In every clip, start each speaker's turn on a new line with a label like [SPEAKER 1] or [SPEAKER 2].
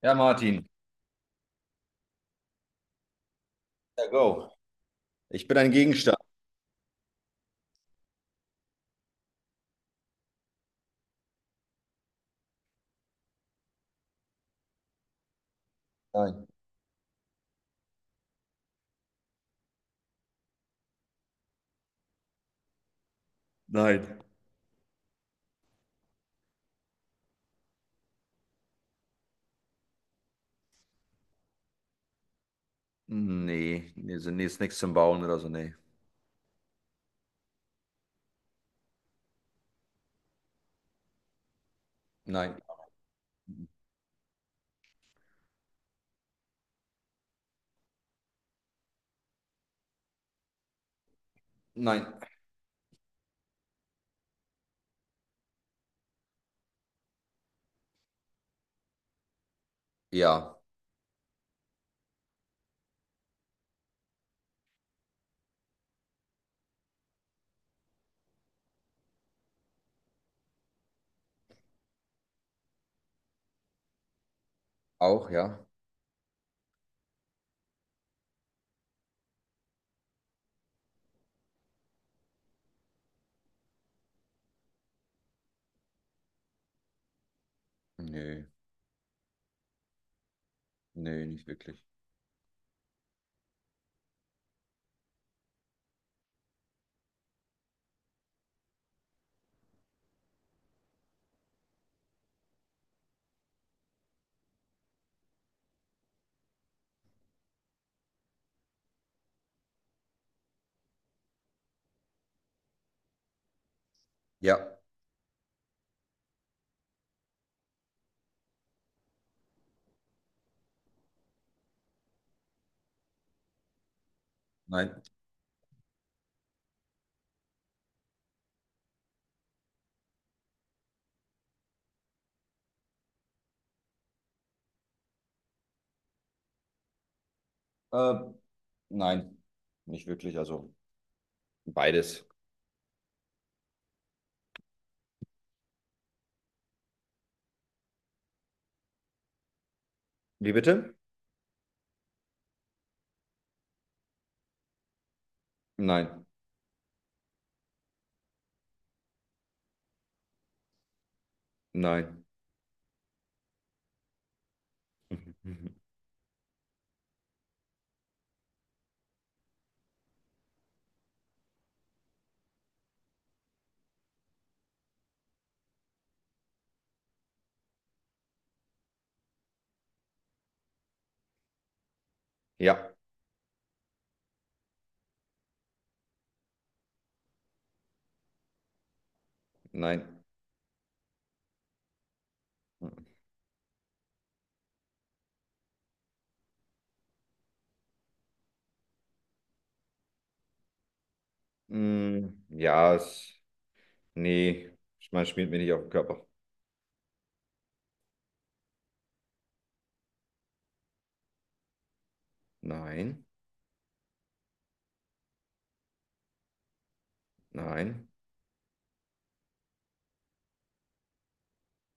[SPEAKER 1] Ja, Martin. Ja, go. Ich bin ein Gegenstand. Nein. Nein. Nee, nee, nee, ist nichts zum Bauen oder so, nee. Nein. Nein. Ja, auch, ja. Nee, nee, nicht wirklich. Ja, nein. Äh, nein. Nicht wirklich. Also beides. Wie bitte? Nein, nein. Ja, nein. Ja, nee, ich meine, schmiert mir nicht auf den Körper. Nein, nein.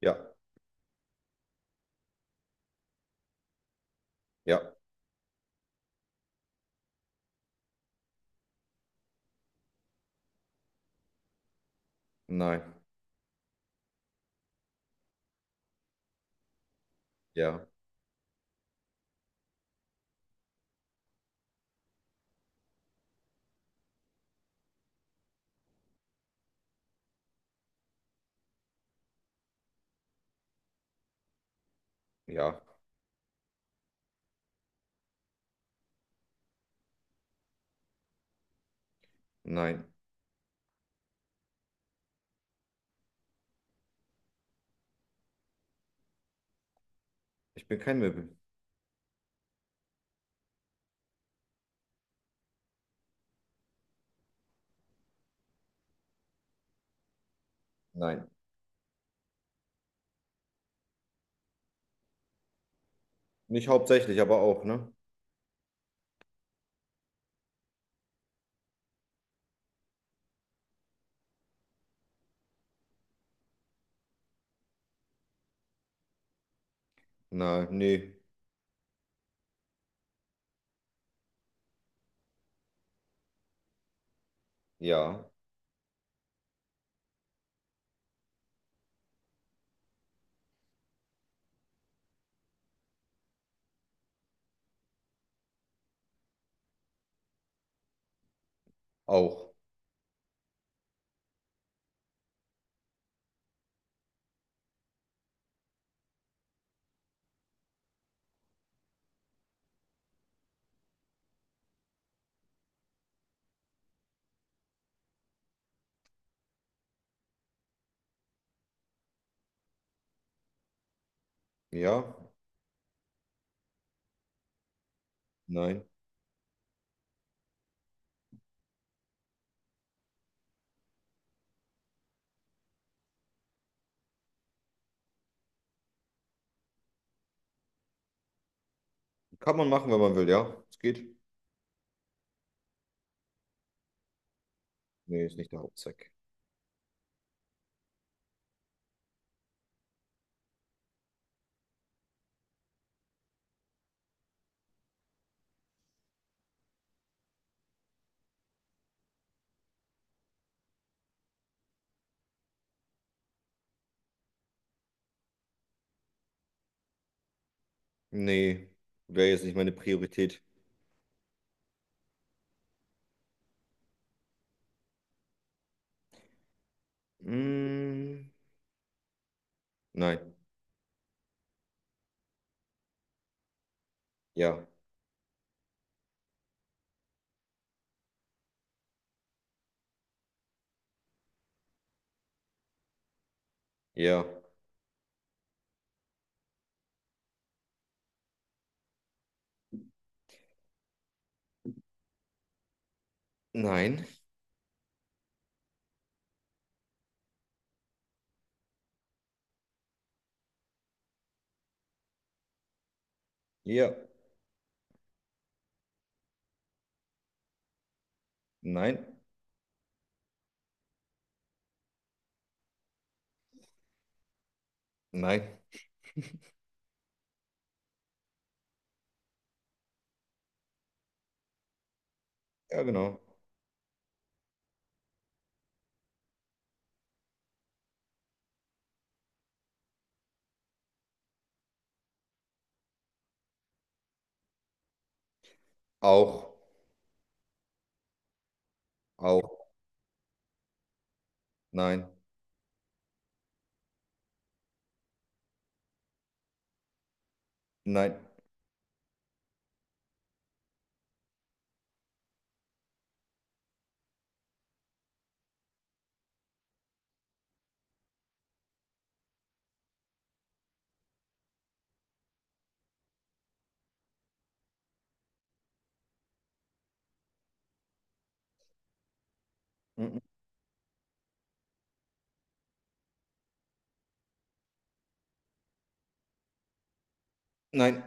[SPEAKER 1] Ja, ja, nein. Ja. Ja, nein. Ich bin kein Möbel. Nein. Nicht hauptsächlich, aber auch, ne? Nein, nee. Ja, auch. Ja, nein. Kann man machen, wenn man will, ja. Es geht. Nee, ist nicht der Hauptzweck. Nee, wäre jetzt nicht meine Priorität. Mm, nein. Ja. Ja. Nein. Ja. Nein. Nein. Ja, genau. Auch. Auch. Nein. Nein. Mm, mm. Nein.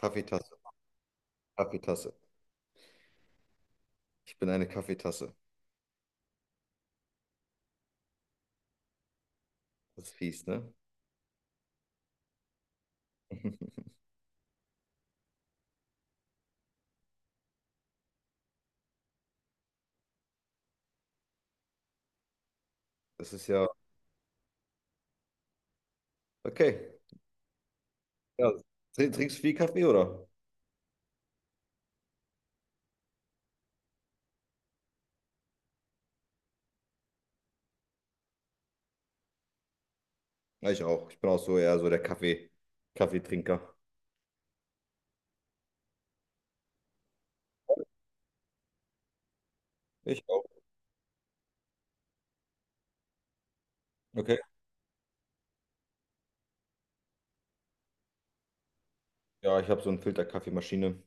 [SPEAKER 1] Kaffeetasse. Kaffeetasse. Ich bin eine Kaffeetasse. Das ist fies, ne? Das ist ja, okay. Ja, trinkst du viel Kaffee, oder? Ja, ich auch. Ich bin auch so eher so der Kaffeetrinker. Ich auch. Okay. Ja, ich habe so eine Filterkaffeemaschine.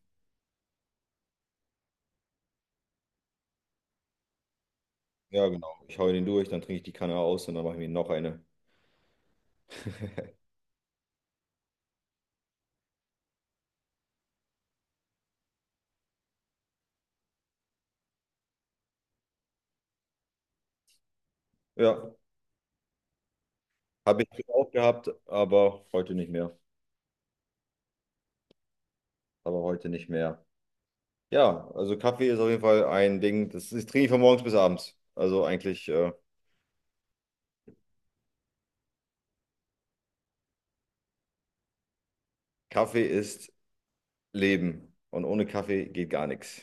[SPEAKER 1] Ja, genau. Ich hau den durch, dann trinke ich die Kanne aus und dann mache ich mir noch eine. Ja, habe ich früher auch gehabt, aber heute nicht mehr. Aber heute nicht mehr. Ja, also Kaffee ist auf jeden Fall ein Ding, das, das trinke ich von morgens bis abends. Also eigentlich, Kaffee ist Leben und ohne Kaffee geht gar nichts.